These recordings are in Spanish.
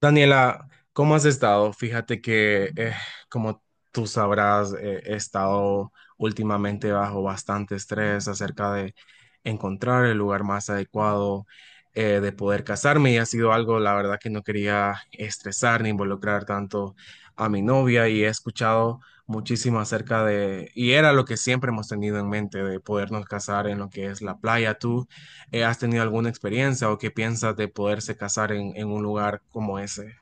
Daniela, ¿cómo has estado? Fíjate que, como tú sabrás, he estado últimamente bajo bastante estrés acerca de encontrar el lugar más adecuado de poder casarme y ha sido algo, la verdad, que no quería estresar ni involucrar tanto a mi novia y he escuchado muchísimo acerca de, y era lo que siempre hemos tenido en mente, de podernos casar en lo que es la playa. ¿Tú has tenido alguna experiencia o qué piensas de poderse casar en un lugar como ese?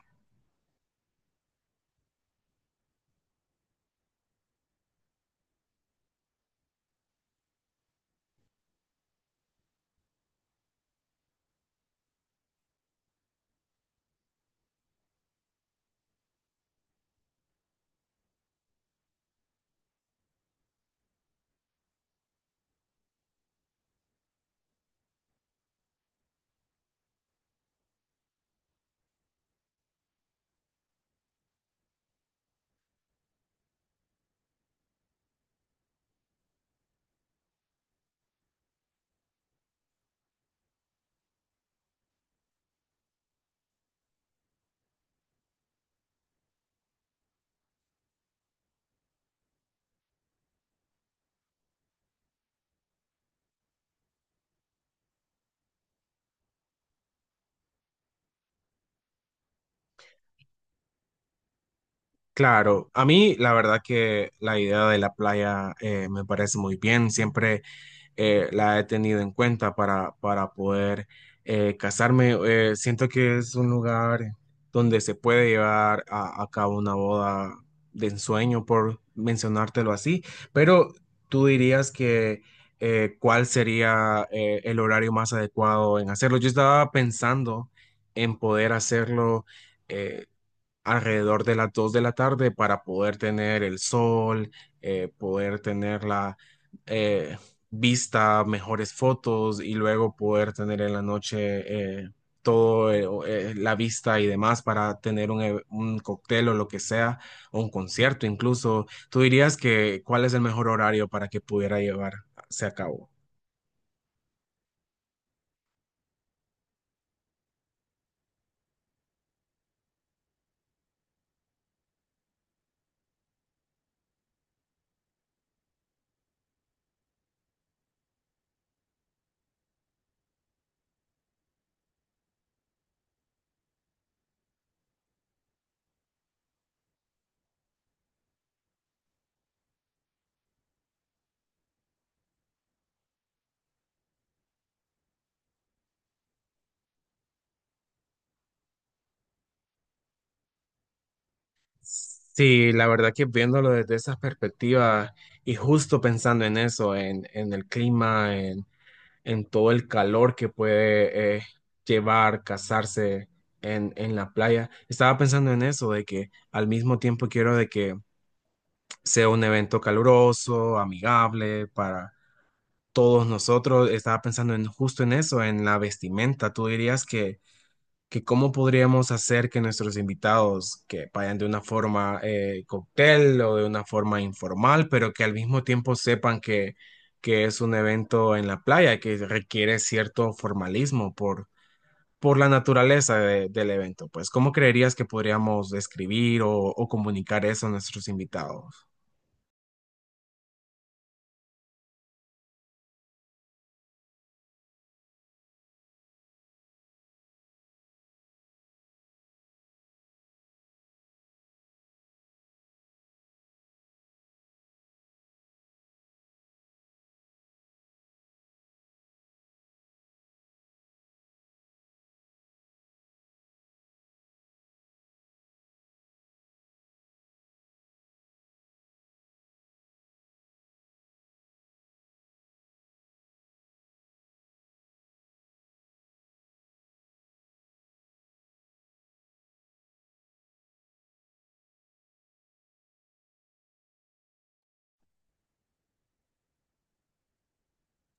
Claro, a mí la verdad que la idea de la playa me parece muy bien. Siempre la he tenido en cuenta para poder casarme. Siento que es un lugar donde se puede llevar a cabo una boda de ensueño, por mencionártelo así, pero tú dirías que cuál sería el horario más adecuado en hacerlo. Yo estaba pensando en poder hacerlo eh, alrededor de las 2 de la tarde para poder tener el sol, poder tener la eh, vista, mejores fotos y luego poder tener en la noche todo la vista y demás para tener un, un cóctel o lo que sea, o un concierto incluso. ¿Tú dirías que cuál es el mejor horario para que pudiera llevarse a cabo? Sí, la verdad que viéndolo desde esa perspectiva y justo pensando en eso, en el clima, en todo el calor que puede llevar casarse en la playa. Estaba pensando en eso, de que al mismo tiempo quiero de que sea un evento caluroso, amigable para todos nosotros. Estaba pensando en justo en eso, en la vestimenta. ¿Tú dirías que cómo podríamos hacer que nuestros invitados que vayan de una forma cóctel o de una forma informal, pero que al mismo tiempo sepan que es un evento en la playa, que requiere cierto formalismo por la naturaleza del evento. Pues, ¿cómo creerías que podríamos describir o comunicar eso a nuestros invitados?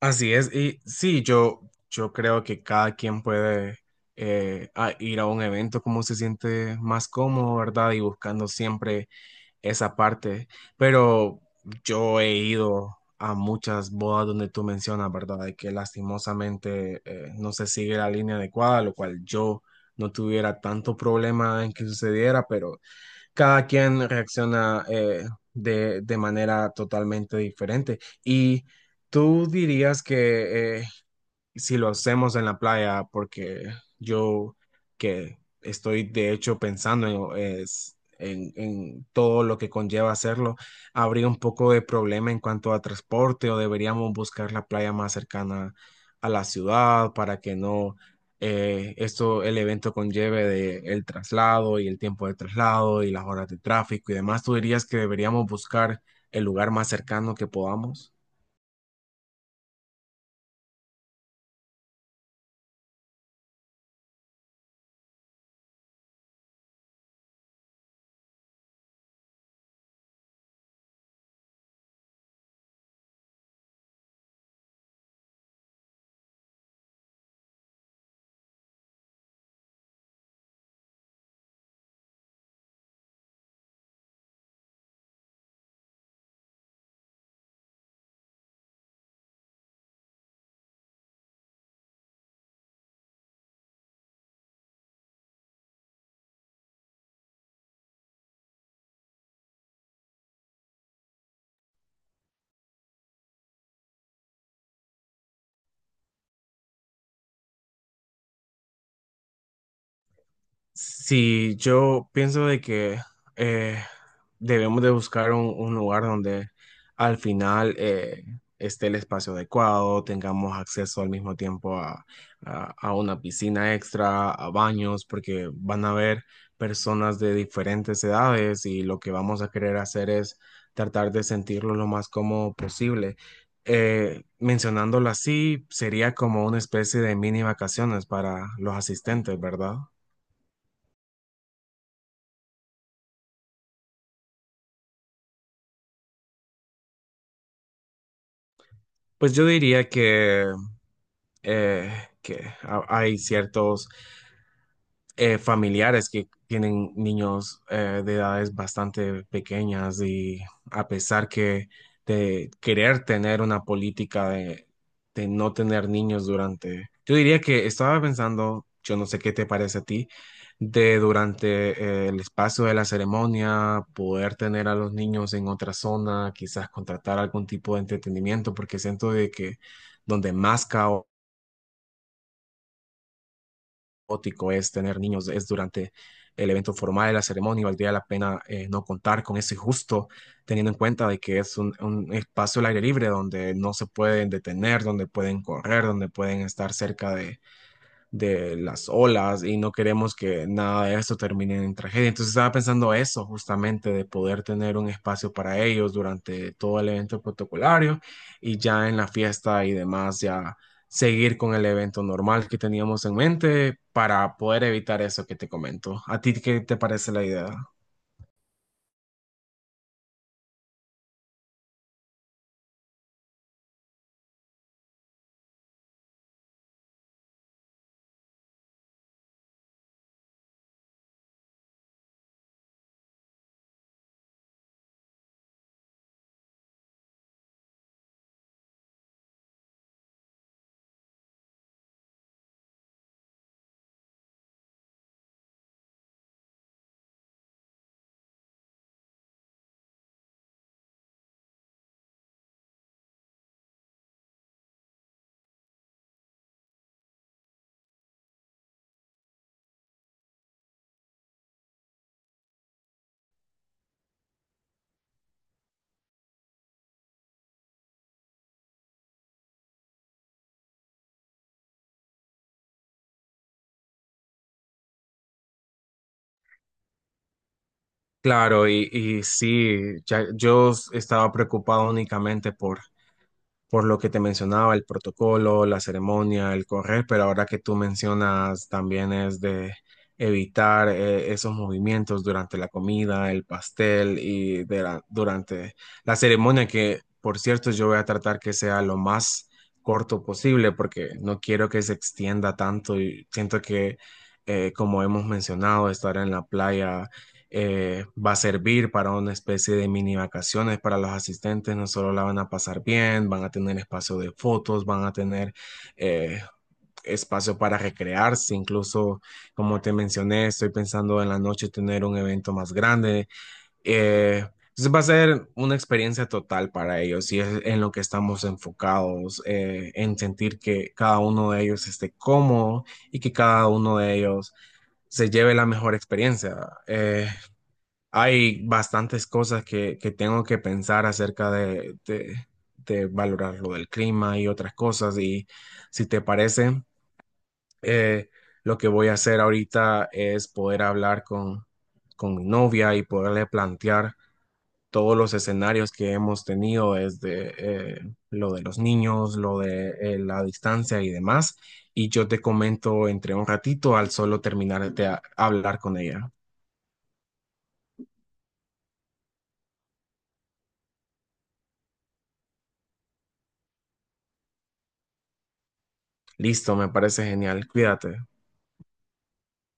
Así es, y sí, yo creo que cada quien puede ir a un evento como se siente más cómodo, ¿verdad? Y buscando siempre esa parte, pero yo he ido a muchas bodas donde tú mencionas, ¿verdad? De que lastimosamente no se sigue la línea adecuada, lo cual yo no tuviera tanto problema en que sucediera, pero cada quien reacciona de manera totalmente diferente. Y tú dirías que si lo hacemos en la playa, porque yo que estoy de hecho pensando en, en todo lo que conlleva hacerlo, habría un poco de problema en cuanto a transporte o deberíamos buscar la playa más cercana a la ciudad para que no esto, el evento conlleve de el traslado y el tiempo de traslado y las horas de tráfico y demás. ¿Tú dirías que deberíamos buscar el lugar más cercano que podamos? Sí, yo pienso de que eh, debemos de buscar un lugar donde al final esté el espacio adecuado, tengamos acceso al mismo tiempo a, a una piscina extra, a baños, porque van a haber personas de diferentes edades y lo que vamos a querer hacer es tratar de sentirlo lo más cómodo posible. Mencionándolo así, sería como una especie de mini vacaciones para los asistentes, ¿verdad? Pues yo diría que, eh, que hay ciertos familiares que tienen niños de edades bastante pequeñas y a pesar que de querer tener una política de no tener niños durante, yo diría que estaba pensando, yo no sé qué te parece a ti, de durante el espacio de la ceremonia poder tener a los niños en otra zona, quizás contratar algún tipo de entretenimiento, porque siento de que donde más caos ótico es tener niños, es durante el evento formal, la ceremonia, y valdría la pena no contar con ese justo, teniendo en cuenta de que es un espacio al aire libre donde no se pueden detener, donde pueden correr, donde pueden estar cerca de las olas y no queremos que nada de esto termine en tragedia. Entonces estaba pensando eso justamente, de poder tener un espacio para ellos durante todo el evento protocolario y ya en la fiesta y demás, ya seguir con el evento normal que teníamos en mente para poder evitar eso que te comento. ¿A ti qué te parece la idea? Claro, y sí, yo estaba preocupado únicamente por lo que te mencionaba, el protocolo, la ceremonia, el correr, pero ahora que tú mencionas también es de evitar esos movimientos durante la comida, el pastel y durante la ceremonia, que por cierto yo voy a tratar que sea lo más corto posible porque no quiero que se extienda tanto y siento que, como hemos mencionado, estar en la playa va a servir para una especie de mini vacaciones para los asistentes. No solo la van a pasar bien, van a tener espacio de fotos, van a tener eh, espacio para recrearse. Incluso, como te mencioné, estoy pensando en la noche tener un evento más grande. Eh, entonces va a ser una experiencia total para ellos y es en lo que estamos enfocados, en sentir que cada uno de ellos esté cómodo y que cada uno de ellos se lleve la mejor experiencia. Eh, hay bastantes cosas que tengo que pensar acerca de valorar lo del clima y otras cosas. Y si te parece, eh, lo que voy a hacer ahorita es poder hablar con mi novia y poderle plantear todos los escenarios que hemos tenido desde lo de los niños, lo de la distancia y demás. Y yo te comento entre un ratito al solo terminar de hablar con ella. Listo, me parece genial. Cuídate.